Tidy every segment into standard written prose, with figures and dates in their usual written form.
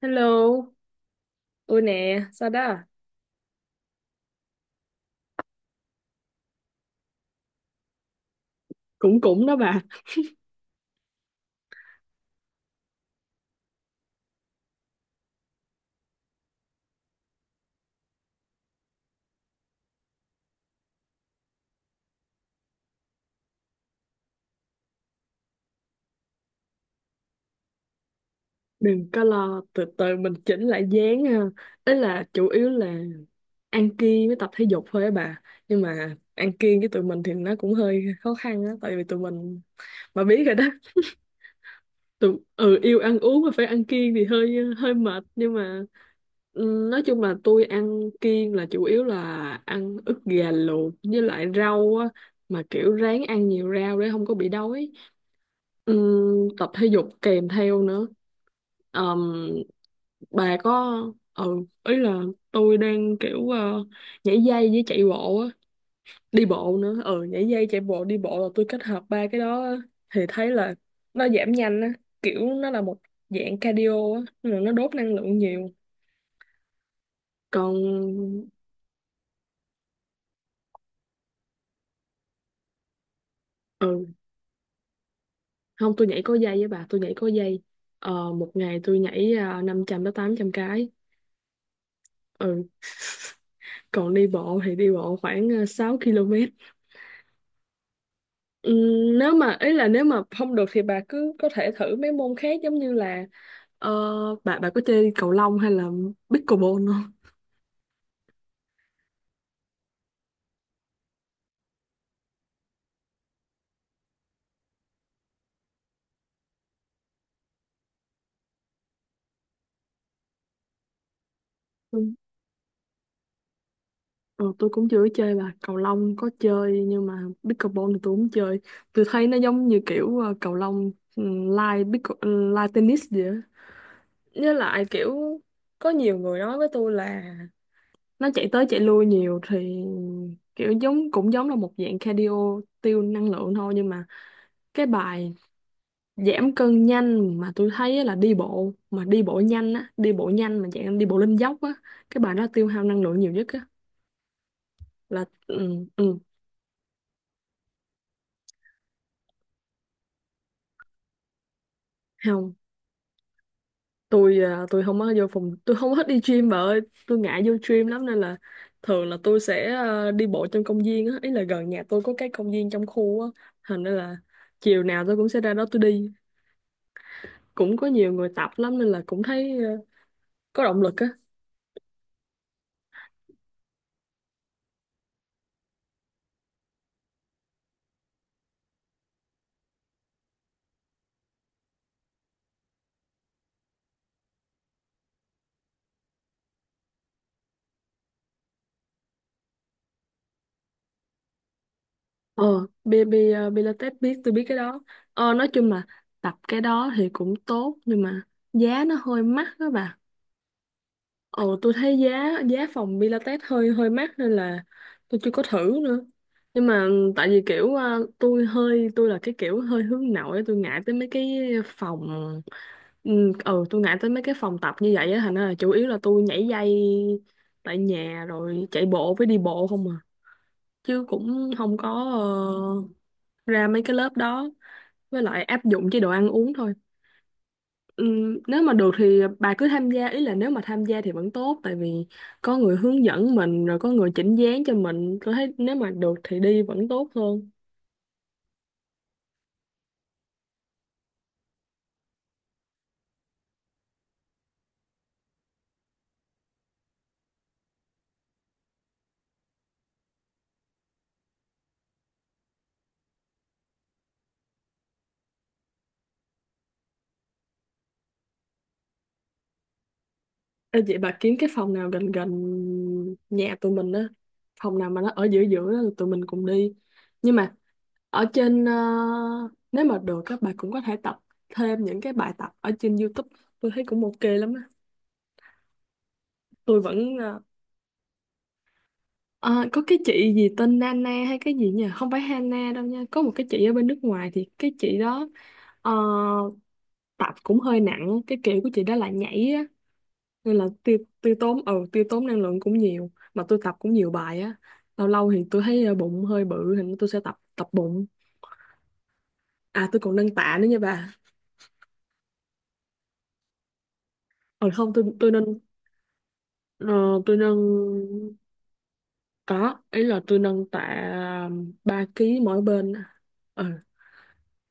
Hello, ôi nè, sao đó, à? Cũng cũng đó bà. Đừng có lo, từ từ mình chỉnh lại dáng ha. Ý là chủ yếu là ăn kiêng với tập thể dục thôi á bà. Nhưng mà ăn kiêng với tụi mình thì nó cũng hơi khó khăn á, tại vì tụi mình, bà biết rồi đó, tụi ừ yêu ăn uống mà phải ăn kiêng thì hơi hơi mệt. Nhưng mà ừ, nói chung là tôi ăn kiêng, là chủ yếu là ăn ức gà luộc với lại rau á, mà kiểu ráng ăn nhiều rau để không có bị đói. Tập thể dục kèm theo nữa. Ờm, bà có ừ, ý là tôi đang kiểu nhảy dây với chạy bộ á, đi bộ nữa. Ừ, nhảy dây, chạy bộ, đi bộ là tôi kết hợp ba cái đó á. Thì thấy là nó giảm nhanh á, kiểu nó là một dạng cardio á nên là nó đốt năng lượng nhiều. Còn ừ, không, tôi nhảy có dây. Với bà, tôi nhảy có dây. Ờ, một ngày tôi nhảy 500 tới 800 cái. Ừ, còn đi bộ thì đi bộ khoảng 6 km. Ừ, nếu mà, ý là nếu mà không được thì bà cứ có thể thử mấy môn khác, giống như là ờ, bà có chơi cầu lông hay là pickleball không? Ừ, ờ, tôi cũng chưa có chơi. Bà cầu lông có chơi, nhưng mà pickleball thì tôi không chơi. Tôi thấy nó giống như kiểu cầu lông lai pickle, lai tennis vậy á. Với lại kiểu có nhiều người nói với tôi là nó chạy tới chạy lui nhiều thì kiểu giống, cũng giống là một dạng cardio, tiêu năng lượng thôi. Nhưng mà cái bài giảm cân nhanh mà tôi thấy á là đi bộ, mà đi bộ nhanh á, đi bộ nhanh mà dạng đi bộ lên dốc á. Cái bài đó tiêu hao năng lượng nhiều nhất á. Là ừ, ừ, không. Tôi à, tôi không có vô phòng, tôi không có thích đi gym bà ơi. Tôi ngại vô gym lắm nên là thường là tôi sẽ à, đi bộ trong công viên á. Ý là gần nhà tôi có cái công viên trong khu á, thành ra là chiều nào tôi cũng sẽ ra đó tôi đi. Cũng có nhiều người tập lắm nên là cũng thấy à, có động lực á. Ờ, bi, bi, ờ, Pilates biết, tôi biết cái đó. Ờ, nói chung là tập cái đó thì cũng tốt, nhưng mà giá nó hơi mắc đó bà. Ờ, tôi thấy giá giá phòng Pilates hơi hơi mắc nên là tôi chưa có thử nữa. Nhưng mà ừ, tại vì kiểu ờ, tôi là cái kiểu hơi hướng nội, tôi ngại tới mấy cái phòng, tôi ngại tới mấy cái phòng tập như vậy á, thành ra là chủ yếu là tôi nhảy dây tại nhà rồi chạy bộ với đi bộ không à, chứ cũng không có ờ, ra mấy cái lớp đó, với lại áp dụng chế độ ăn uống thôi. Nếu mà được thì bà cứ tham gia. Ý là nếu mà tham gia thì vẫn tốt, tại vì có người hướng dẫn mình rồi có người chỉnh dáng cho mình. Tôi thấy nếu mà được thì đi vẫn tốt hơn. Ê, vậy bà kiếm cái phòng nào gần gần nhà tụi mình á, phòng nào mà nó ở giữa giữa đó, tụi mình cùng đi. Nhưng mà ở trên ờ, nếu mà được các bà cũng có thể tập thêm những cái bài tập ở trên YouTube, tôi thấy cũng ok lắm á. Tôi vẫn ờ, ờ, có cái chị gì tên Nana hay cái gì nhỉ? Không phải Hana đâu nha. Có một cái chị ở bên nước ngoài thì cái chị đó ờ, tập cũng hơi nặng. Cái kiểu của chị đó là nhảy á. Nên là tiêu tốn năng lượng cũng nhiều. Mà tôi tập cũng nhiều bài á. Lâu lâu thì tôi thấy ờ, bụng hơi bự thì tôi sẽ tập tập bụng. À tôi còn nâng tạ nữa nha bà. Ờ không, tôi nâng ờ, tôi nâng có, ý là tôi nâng tạ 3 kg mỗi bên. Ừ.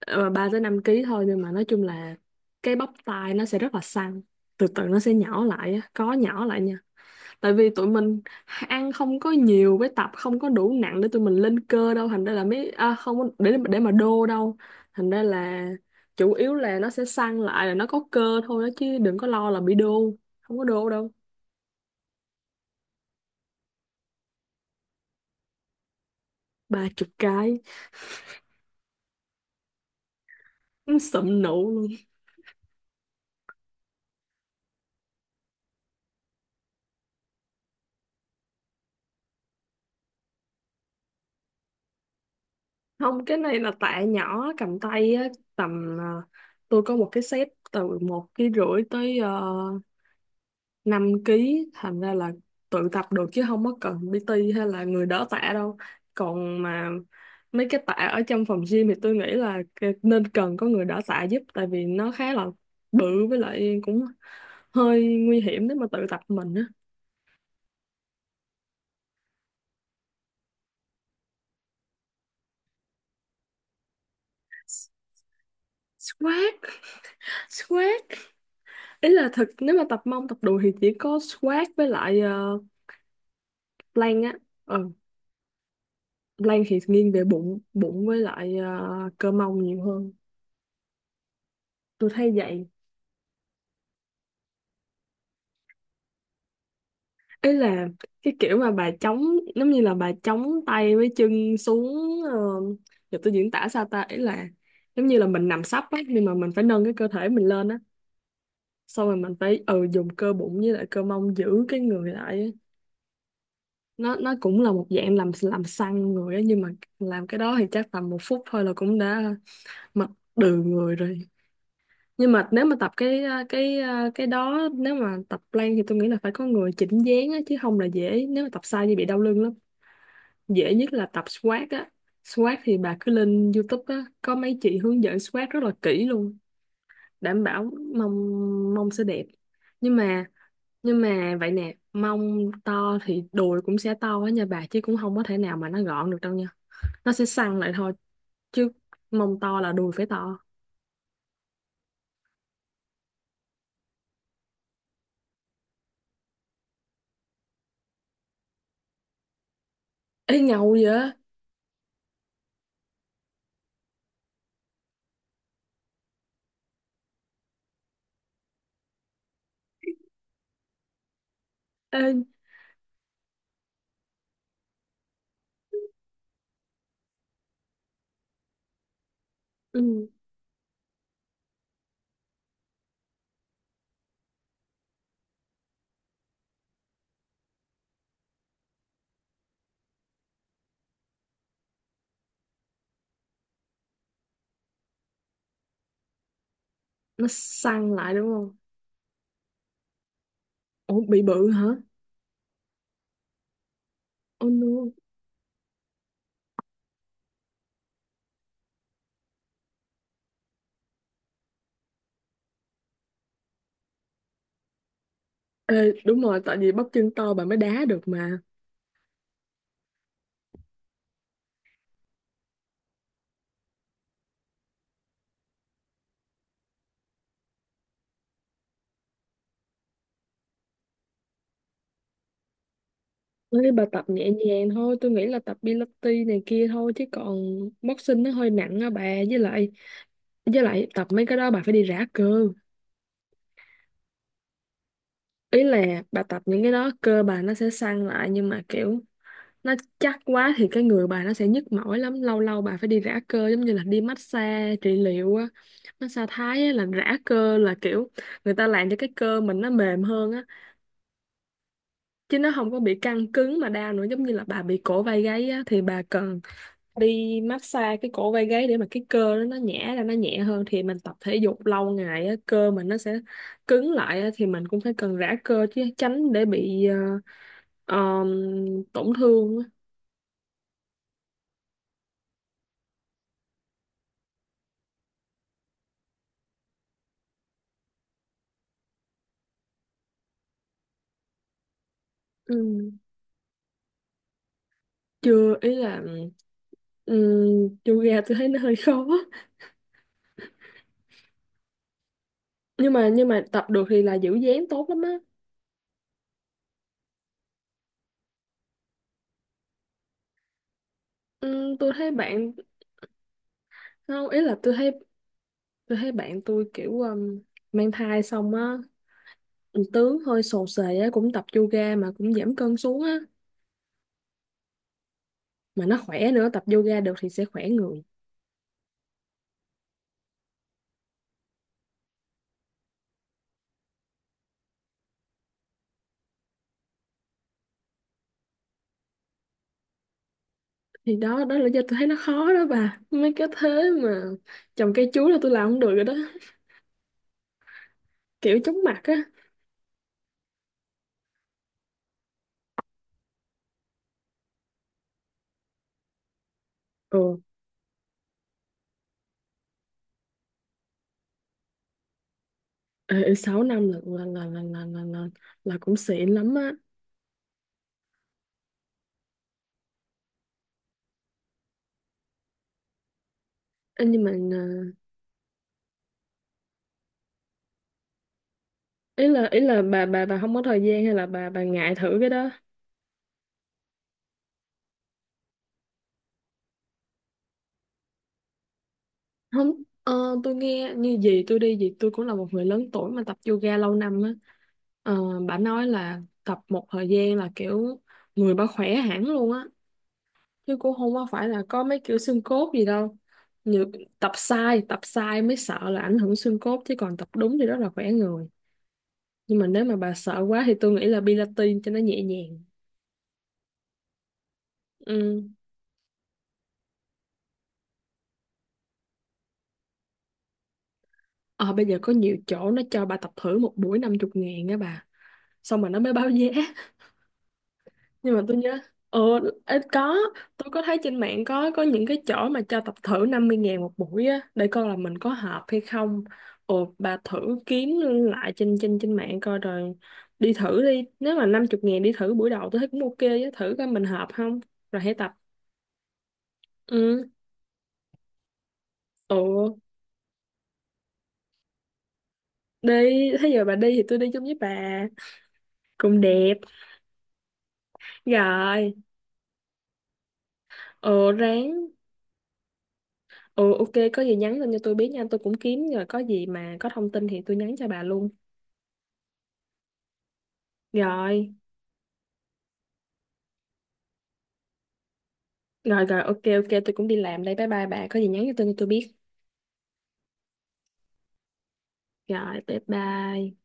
Ờ, 3 tới 5 kg thôi, nhưng mà nói chung là cái bắp tai nó sẽ rất là săn, từ từ nó sẽ nhỏ lại á, có nhỏ lại nha. Tại vì tụi mình ăn không có nhiều với tập không có đủ nặng để tụi mình lên cơ đâu, thành ra là mấy à, không có- để mà đô đâu, thành ra là chủ yếu là nó sẽ săn lại, là nó có cơ thôi đó, chứ đừng có lo là bị đô, không có đô đâu. 30 cái. Sụm nụ. Không, cái này là tạ nhỏ cầm tay á, tầm ờ, tôi có một cái set từ 1,5 kg tới 5 ký, thành ra là tự tập được chứ không có cần PT hay là người đỡ tạ đâu. Còn mà mấy cái tạ ở trong phòng gym thì tôi nghĩ là nên cần có người đỡ tạ giúp, tại vì nó khá là bự, với lại cũng hơi nguy hiểm nếu mà tự tập mình á. Squat, squat. Ý là thực nếu mà tập mông tập đùi thì chỉ có squat với lại ờ, plank á. Ừ, Lan thì nghiêng về bụng bụng với lại ờ, cơ mông nhiều hơn, tôi thấy vậy. Ý là cái kiểu mà bà chống, giống như là bà chống tay với chân xuống ờ, giờ tôi diễn tả sao ta. Ý là giống như là mình nằm sấp á, nhưng mà mình phải nâng cái cơ thể mình lên á, xong rồi mình phải ừ dùng cơ bụng với lại cơ mông giữ cái người lại á. Nó cũng là một dạng làm săn người á. Nhưng mà làm cái đó thì chắc tầm 1 phút thôi là cũng đã mệt đừ người rồi. Nhưng mà nếu mà tập cái đó, nếu mà tập plank thì tôi nghĩ là phải có người chỉnh dáng á, chứ không là dễ, nếu mà tập sai thì bị đau lưng lắm. Dễ nhất là tập squat á. Squat thì bà cứ lên YouTube á, có mấy chị hướng dẫn squat rất là kỹ luôn, đảm bảo mông mông sẽ đẹp. Nhưng mà, nhưng mà vậy nè, mông to thì đùi cũng sẽ to á nha bà, chứ cũng không có thể nào mà nó gọn được đâu nha. Nó sẽ săn lại thôi, chứ mông to là đùi phải to. Ê ngầu vậy. Ê, ừ. Nó săn lại đúng không? Ủa bị bự hả? Oh no. Ê, đúng rồi, tại vì bắp chân to bà mới đá được mà. Nói bà tập nhẹ nhàng thôi, tôi nghĩ là tập Pilates này kia thôi, chứ còn boxing nó hơi nặng á bà. Với lại, với lại tập mấy cái đó bà phải đi rã cơ. Ý là bà tập những cái đó, cơ bà nó sẽ săn lại, nhưng mà kiểu nó chắc quá thì cái người bà nó sẽ nhức mỏi lắm, lâu lâu bà phải đi rã cơ giống như là đi massage trị liệu á. Massage Thái á, là rã cơ, là kiểu người ta làm cho cái cơ mình nó mềm hơn á, chứ nó không có bị căng cứng mà đau nữa. Giống như là bà bị cổ vai gáy á thì bà cần đi massage cái cổ vai gáy để mà cái cơ đó nó nhẹ ra, nó nhẹ hơn. Thì mình tập thể dục lâu ngày á, cơ mình nó sẽ cứng lại á, thì mình cũng phải cần rã cơ, chứ tránh để bị ờ, tổn thương á. Ừ, chưa. Ý là ừm, yoga tôi thấy nó hơi khó, nhưng mà, nhưng mà tập được thì là giữ dáng tốt lắm á. Tôi thấy bạn, không, ý là tôi thấy, tôi thấy bạn tôi kiểu mang thai xong á, tướng hơi xồ xề á, cũng tập yoga mà cũng giảm cân xuống á, mà nó khỏe nữa. Tập yoga được thì sẽ khỏe người. Thì đó đó là do tôi thấy nó khó đó bà, mấy cái thế mà trồng cây chuối là tôi làm không được rồi đó, kiểu chóng mặt á. Ừ, ê, 6 năm là cũng xịn lắm á. Ê, nhưng mà à, ý là, ý là bà không có thời gian hay là bà ngại thử cái đó? Không ờ, tôi nghe như gì tôi đi gì tôi cũng, là một người lớn tuổi mà tập yoga lâu năm á, ờ, bà nói là tập một thời gian là kiểu người bà khỏe hẳn luôn á, chứ cũng không có phải là có mấy kiểu xương cốt gì đâu. Như tập sai mới sợ là ảnh hưởng xương cốt, chứ còn tập đúng thì rất là khỏe người. Nhưng mà nếu mà bà sợ quá thì tôi nghĩ là Pilates cho nó nhẹ nhàng. Ừ. Ờ, bây giờ có nhiều chỗ nó cho bà tập thử một buổi 50 ngàn á bà. Xong rồi nó mới báo giá. Nhưng mà tôi nhớ, ờ, ê, có, tôi có thấy trên mạng có những cái chỗ mà cho tập thử 50 ngàn một buổi á, để coi là mình có hợp hay không. Ồ, bà thử kiếm lại trên trên trên mạng coi. Rồi đi thử đi, nếu mà 50 ngàn đi thử buổi đầu tôi thấy cũng ok á. Thử coi mình hợp không rồi hãy tập. Ừ, ồ đi. Thế giờ bà đi thì tôi đi chung với bà. Cũng đẹp. Rồi. Ồ ráng. Ừ ok, có gì nhắn lên cho tôi biết nha. Tôi cũng kiếm, rồi có gì mà có thông tin thì tôi nhắn cho bà luôn. Rồi. Rồi rồi, ok ok, tôi cũng đi làm đây. Bye bye bà, có gì nhắn cho tôi, cho tôi biết. Rồi bye bye.